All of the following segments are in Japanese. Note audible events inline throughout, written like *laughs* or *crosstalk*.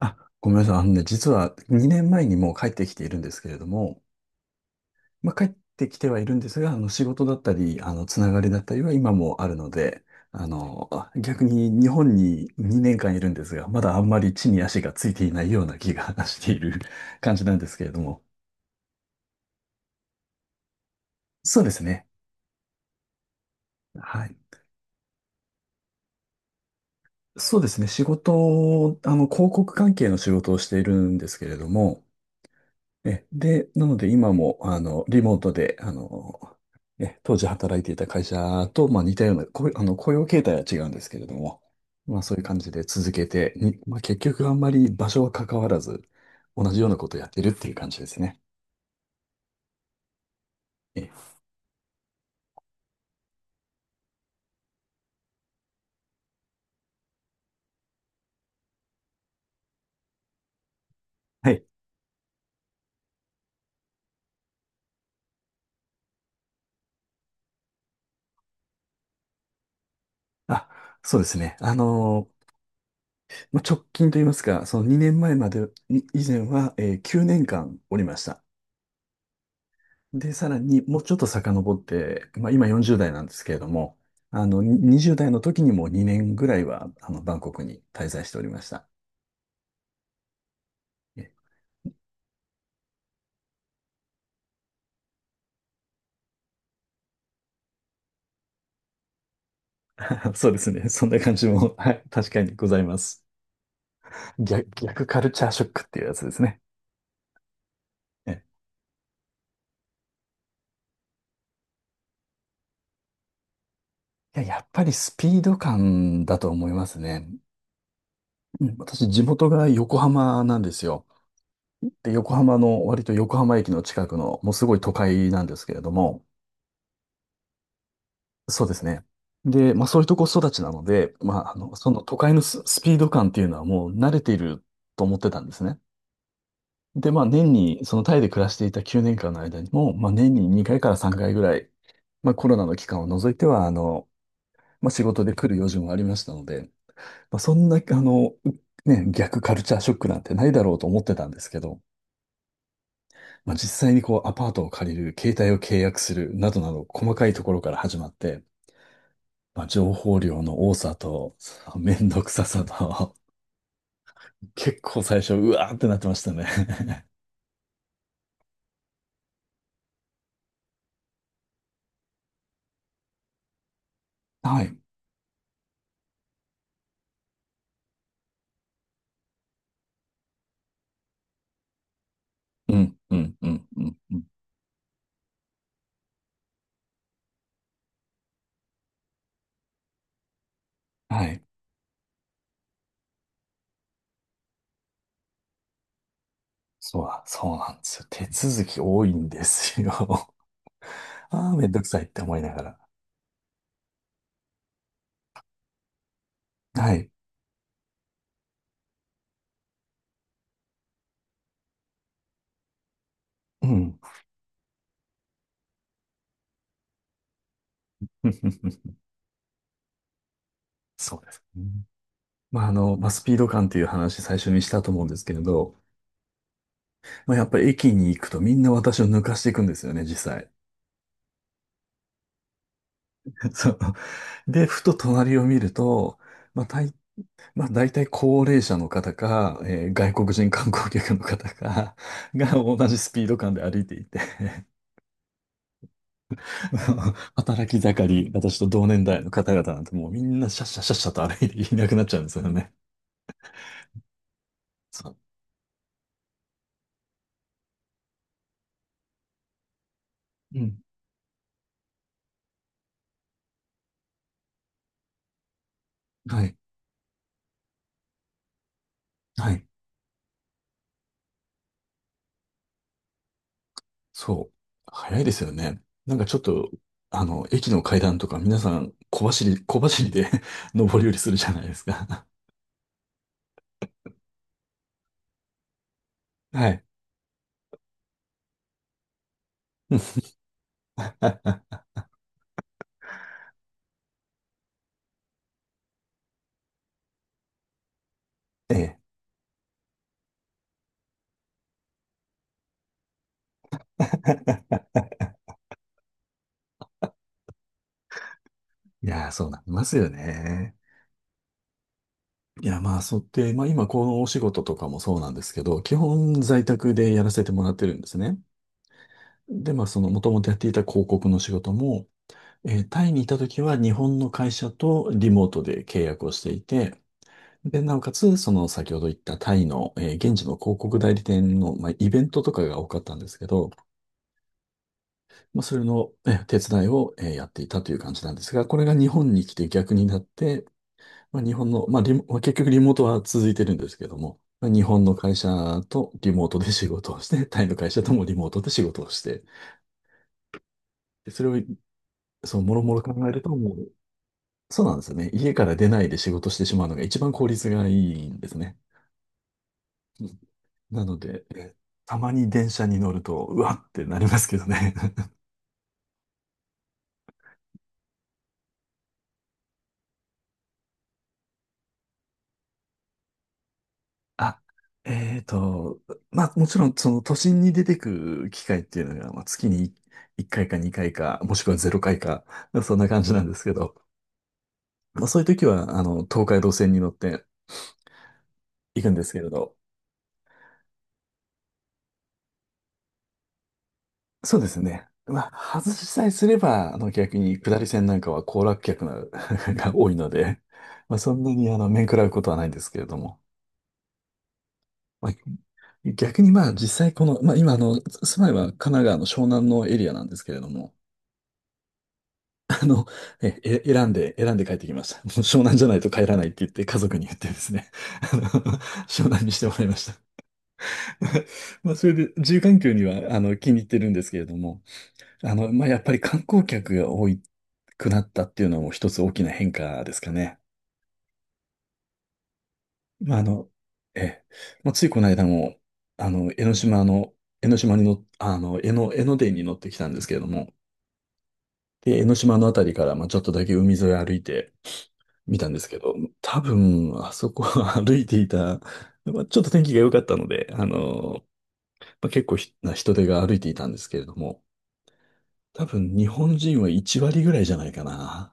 あ、ごめんなさい。あのね、実は2年前にもう帰ってきているんですけれども、まあ、帰ってきてはいるんですが、あの仕事だったり、あのつながりだったりは今もあるので、あの、逆に日本に2年間いるんですが、まだあんまり地に足がついていないような気が *laughs* している *laughs* 感じなんですけれども。そうですね。はい。そうですね。仕事を、広告関係の仕事をしているんですけれども、で、なので今も、リモートで、当時働いていた会社と、まあ似たような、雇用形態は違うんですけれども、まあそういう感じで続けて、まあ結局あんまり場所は関わらず、同じようなことをやってるっていう感じですね。え、はい。あ、そうですね。まあ直近といいますか、その2年前まで、以前は、9年間おりました。で、さらにもうちょっと遡って、まあ、今40代なんですけれども、あの、に20代の時にも2年ぐらいは、バンコクに滞在しておりました。え *laughs* そうですね。*laughs* そんな感じも、はい、確かにございます。逆カルチャーショックっていうやつですね。えいや、やっぱりスピード感だと思いますね。うん、私、地元が横浜なんですよ。で、横浜の、割と横浜駅の近くの、もうすごい都会なんですけれども、そうですね。で、まあそういうとこ育ちなので、まあその都会のスピード感っていうのはもう慣れていると思ってたんですね。で、まあ年に、そのタイで暮らしていた9年間の間にも、まあ年に2回から3回ぐらい、まあコロナの期間を除いては、まあ仕事で来る用事もありましたので、まあそんな、ね、逆カルチャーショックなんてないだろうと思ってたんですけど、まあ、実際にこうアパートを借りる、携帯を契約するなどなど細かいところから始まって、まあ、情報量の多さと、そのめんどくささと、*laughs* 結構最初、うわーってなってましたね。*laughs* はい。うん、うん、うん、うん。うん、はい。そうだ、そうなんですよ。手続き多いんですよ。*laughs* ああ、めんどくさいって思いながら。はい。うん。*laughs* そうですね。まあ、まあ、スピード感っていう話最初にしたと思うんですけれど、まあ、やっぱり駅に行くとみんな私を抜かしていくんですよね、実際。*laughs* そう。で、ふと隣を見ると、まあ、まあ、大体高齢者の方か、外国人観光客の方か、*laughs* が同じスピード感で歩いていて、*laughs* 働き盛り、私と同年代の方々なんてもうみんなシャッシャッシャッシャッと歩いていなくなっちゃうんですよね。そう。うん。はい。はい。そう。早いですよね。なんかちょっと、駅の階段とか皆さん小走り、小走りで *laughs* 上り下りするじゃないですか。はい。*laughs* うん、ええ。*laughs* いやー、そうなりますよね。いや、まあ、そうで、まあ今このお仕事とかもそうなんですけど、基本在宅でやらせてもらってるんですね。で、まあその元々やっていた広告の仕事も、タイにいた時は日本の会社とリモートで契約をしていて、で、なおかつ、その先ほど言ったタイの、現地の広告代理店の、まあ、イベントとかが多かったんですけど、まあ、それの、手伝いを、やっていたという感じなんですが、これが日本に来て逆になって、まあ、日本の、まあリモ、まあ結局リモートは続いてるんですけども、まあ、日本の会社とリモートで仕事をして、タイの会社ともリモートで仕事をして、でそれを、そう、もろもろ考えると、もう、そうなんですよね。家から出ないで仕事してしまうのが一番効率がいいんですね。なので、たまに電車に乗ると、うわってなりますけどね。*laughs* あ、えーと、まあもちろんその都心に出てく機会っていうのが、まあ、月に1回か2回かいか、もしくは0回かいか、そんな感じなんですけど、まあそういう時は、東海道線に乗って行くんですけれど、そうですね。まあ、外しさえすれば、逆に下り線なんかは行楽客な *laughs* が多いので、まあ、そんなに面食らうことはないんですけれども。まあ、逆にまあ実際この、まあ今住まいは神奈川の湘南のエリアなんですけれども、あの、選んで、選んで帰ってきました。もう湘南じゃないと帰らないって言って家族に言ってですね、あの、湘南にしてもらいました。*laughs* まあそれで、住環境には気に入ってるんですけれども、まあやっぱり観光客が多くなったっていうのも一つ大きな変化ですかね。まあ、ええ、まあ、ついこの間も、江ノ島の、江ノ島にの、あの、江ノ、江ノ電に乗ってきたんですけれども、で、江ノ島のあたりから、まあ、ちょっとだけ海沿い歩いてみたんですけど、多分、あそこは *laughs* 歩いていた、まあ、ちょっと天気が良かったので、まあ、結構人手が歩いていたんですけれども、多分、日本人は1割ぐらいじゃないかな。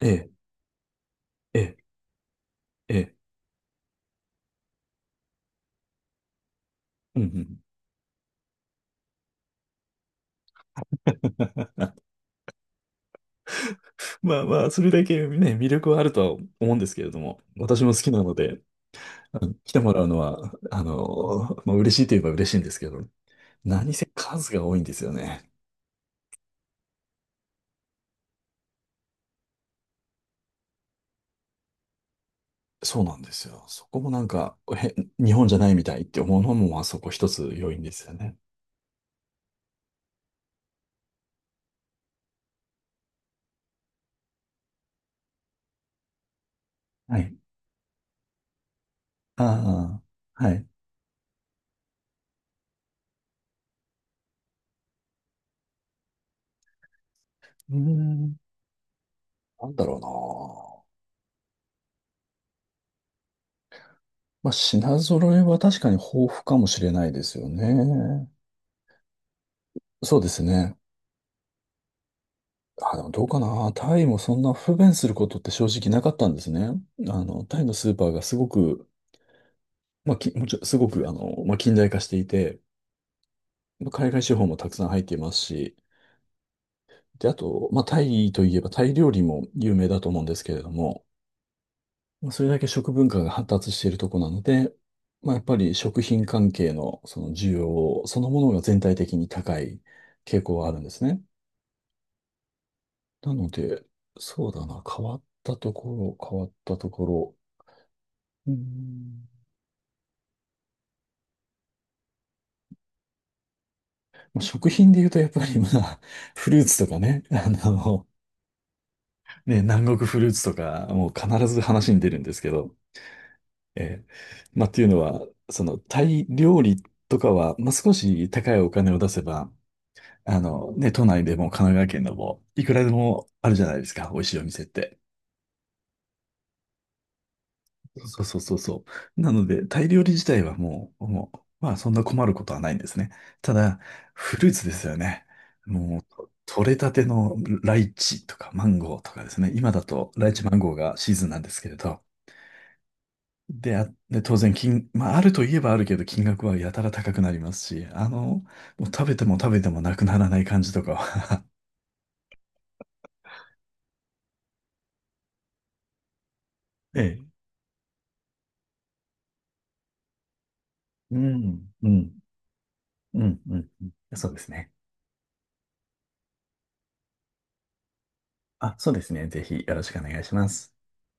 ええ、ええ、ええ、うん、うん。あ、まあまあ、それだけね、魅力はあるとは思うんですけれども、私も好きなので、うん、来てもらうのは、まあ、嬉しいといえば嬉しいんですけど、何せ数が多いんですよね。そうなんですよ。そこもなんか、日本じゃないみたいって思うのも、まあそこ一つ要因ですよね。はい。ああ、はい。うーん、なんだろうな。まあ、品揃えは確かに豊富かもしれないですよね。そうですね。あ、でもどうかな。タイもそんな不便することって正直なかったんですね。タイのスーパーがすごくまあ、もちろん、すごく、まあ、近代化していて、まあ海外資本もたくさん入っていますし、で、あと、まあ、タイといえば、タイ料理も有名だと思うんですけれども、まあ、それだけ食文化が発達しているとこなので、まあ、やっぱり食品関係のその需要そのものが全体的に高い傾向があるんですね。なので、そうだな、変わったところ、変わったところ、うーんまあ食品で言うと、やっぱりまあ、フルーツとかね、ね、南国フルーツとか、もう必ず話に出るんですけど、えーまあ、っていうのは、その、タイ料理とかは、まあ、少し高いお金を出せば、ね、都内でも神奈川県でも、いくらでもあるじゃないですか、美味しいお店って。そうそうそうそう。なので、タイ料理自体はもう、まあ、そんな困ることはないんですね。ただ、フルーツですよね。もう、取れたてのライチとかマンゴーとかですね。今だとライチマンゴーがシーズンなんですけれど、で、当然まあ、あるといえばあるけど、金額はやたら高くなりますし、もう食べても食べてもなくならない感じとかは *laughs* ええ。うん、うん、うん、うん。うん、そうですね。あ、そうですね。ぜひよろしくお願いします。